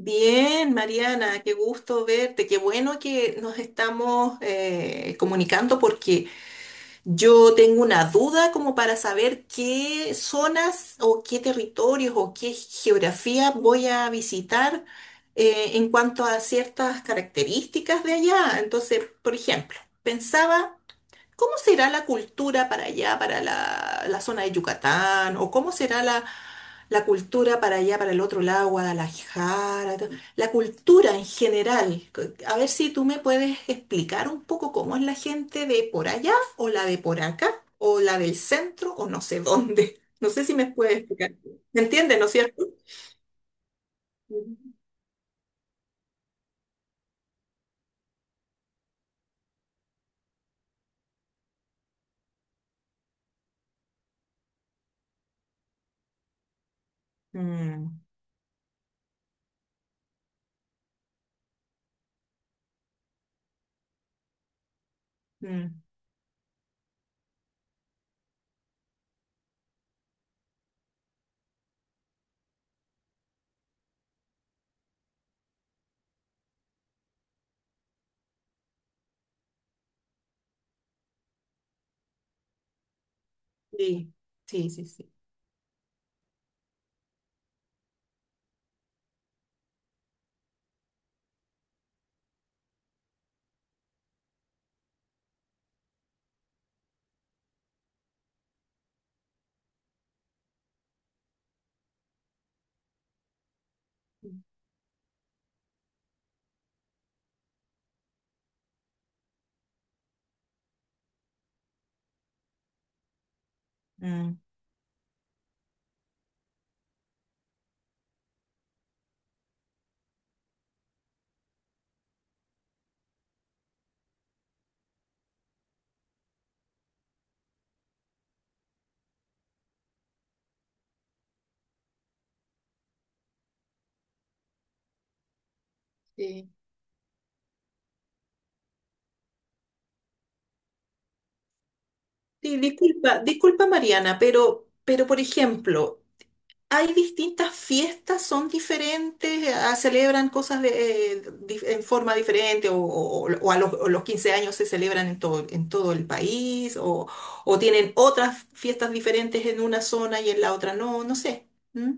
Bien, Mariana, qué gusto verte, qué bueno que nos estamos comunicando porque yo tengo una duda como para saber qué zonas o qué territorios o qué geografía voy a visitar en cuanto a ciertas características de allá. Entonces, por ejemplo, pensaba. ¿Cómo será la cultura para allá, para la zona de Yucatán? ¿O cómo será la cultura para allá, para el otro lado, Guadalajara? La cultura en general. A ver si tú me puedes explicar un poco cómo es la gente de por allá o la de por acá o la del centro o no sé dónde. No sé si me puedes explicar. ¿Me entiendes, no es cierto? Ujú. Mm, mm, sí, sí, sí, sí. Mm, sí. Sí, disculpa, disculpa Mariana, pero por ejemplo, hay distintas fiestas, son diferentes, celebran cosas de, en forma diferente o o los 15 años se celebran en todo el país o tienen otras fiestas diferentes en una zona y en la otra no, no sé. ¿Mm?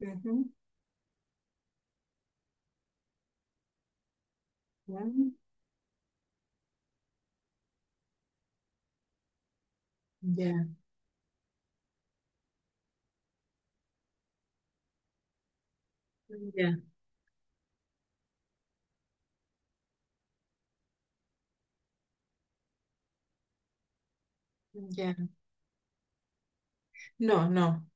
Ujú. Mm, ya, ya, ya. No, no,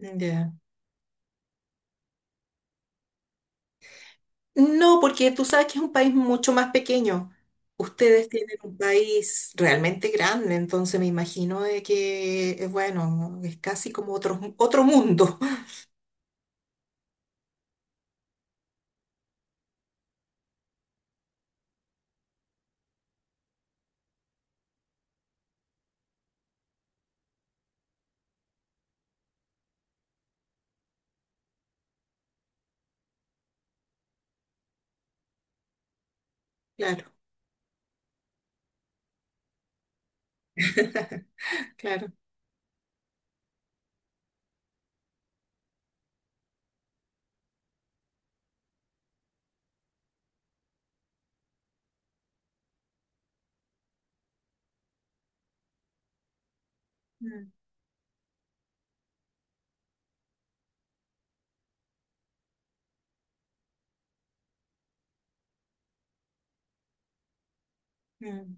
ya. No, porque tú sabes que es un país mucho más pequeño. Ustedes tienen un país realmente grande, entonces me imagino de que, bueno, es casi como otro, otro mundo. Claro, claro. Mm, mm,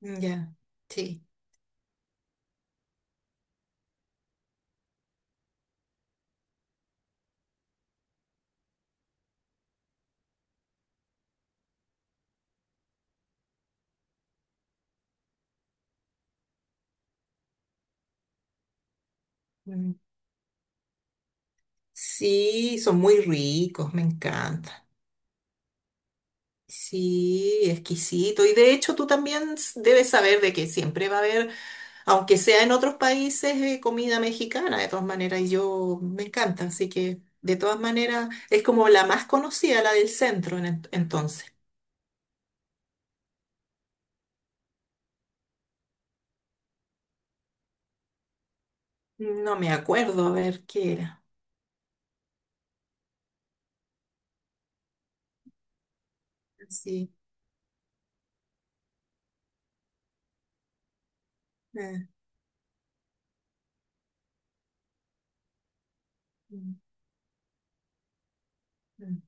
mm, ya, sí. Mm. Sí, son muy ricos, me encanta. Sí, exquisito. Y de hecho tú también debes saber de que siempre va a haber, aunque sea en otros países, comida mexicana, de todas maneras, y yo me encanta, así que de todas maneras es como la más conocida, la del centro entonces. No me acuerdo, a ver qué era. Sí. eh, mm, mm.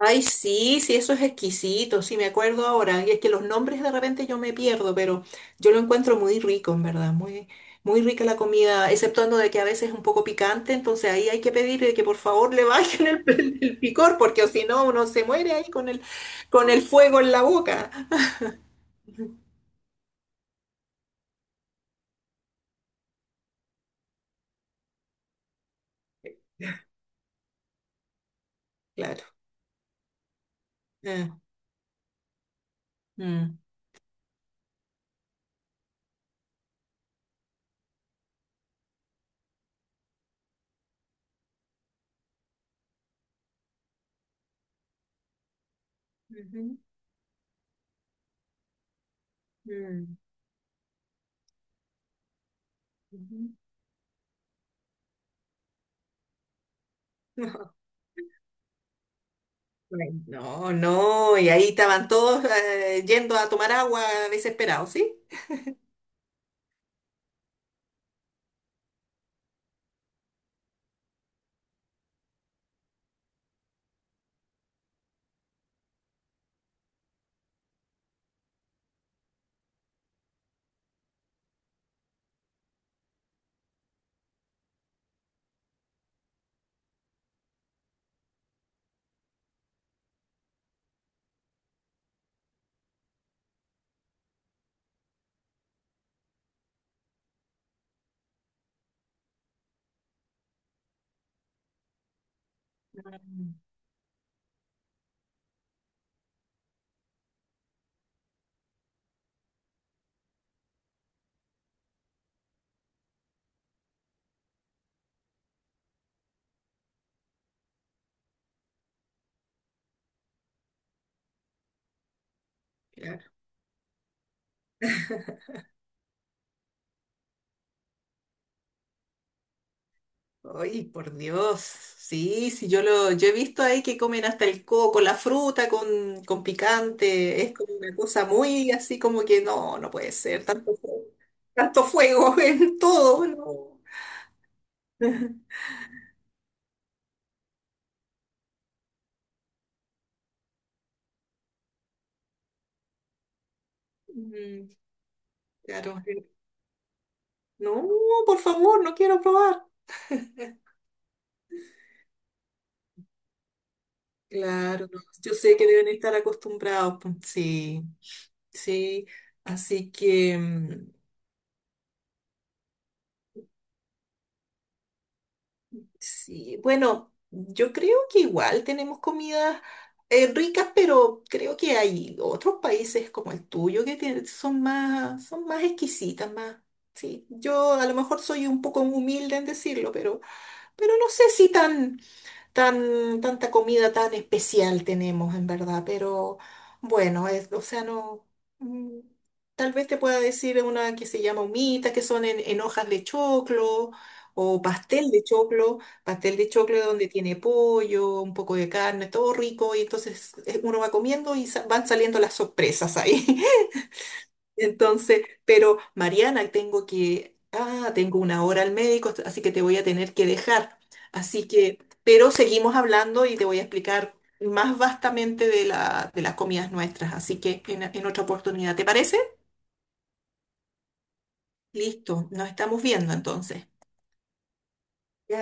Ay, sí, sí, eso es exquisito, sí, me acuerdo ahora. Y es que los nombres de repente yo me pierdo, pero yo lo encuentro muy rico, en verdad, muy, muy rica la comida, exceptuando de que a veces es un poco picante, entonces ahí hay que pedirle que por favor le bajen el picor, porque o si no uno se muere ahí con el fuego en la boca. Claro. Ah, mm. Ujú, mm, ujú. Bueno, no, no, y ahí estaban todos yendo a tomar agua desesperados, ¿sí? Mm. Ay, por Dios. Sí, sí, yo he visto ahí que comen hasta el coco, la fruta con picante. Es como una cosa muy así como que no, no puede ser. Tanto fuego en todo, no. Mm, claro. No, por favor, no quiero probar. Claro, no, yo sé que deben estar acostumbrados, pues. Sí, sí. Así que. Mm. Sí, bueno, yo creo que igual tenemos comidas ricas, pero creo que hay otros países como el tuyo que son más exquisitas, más. Sí, yo a lo mejor soy un poco humilde en decirlo, pero no sé si tan, tanta comida tan especial tenemos, en verdad, pero bueno, es, o sea, no, mm, tal vez te pueda decir una que se llama humita, que son en hojas de choclo o pastel de choclo donde tiene pollo, un poco de carne, todo rico, y entonces uno va comiendo y van saliendo las sorpresas ahí. Entonces, pero Mariana, tengo que, tengo una hora al médico, así que te voy a tener que dejar. Así que, pero seguimos hablando y te voy a explicar más vastamente de de las comidas nuestras. Así que en otra oportunidad, ¿te parece? Listo, nos estamos viendo entonces. Ya.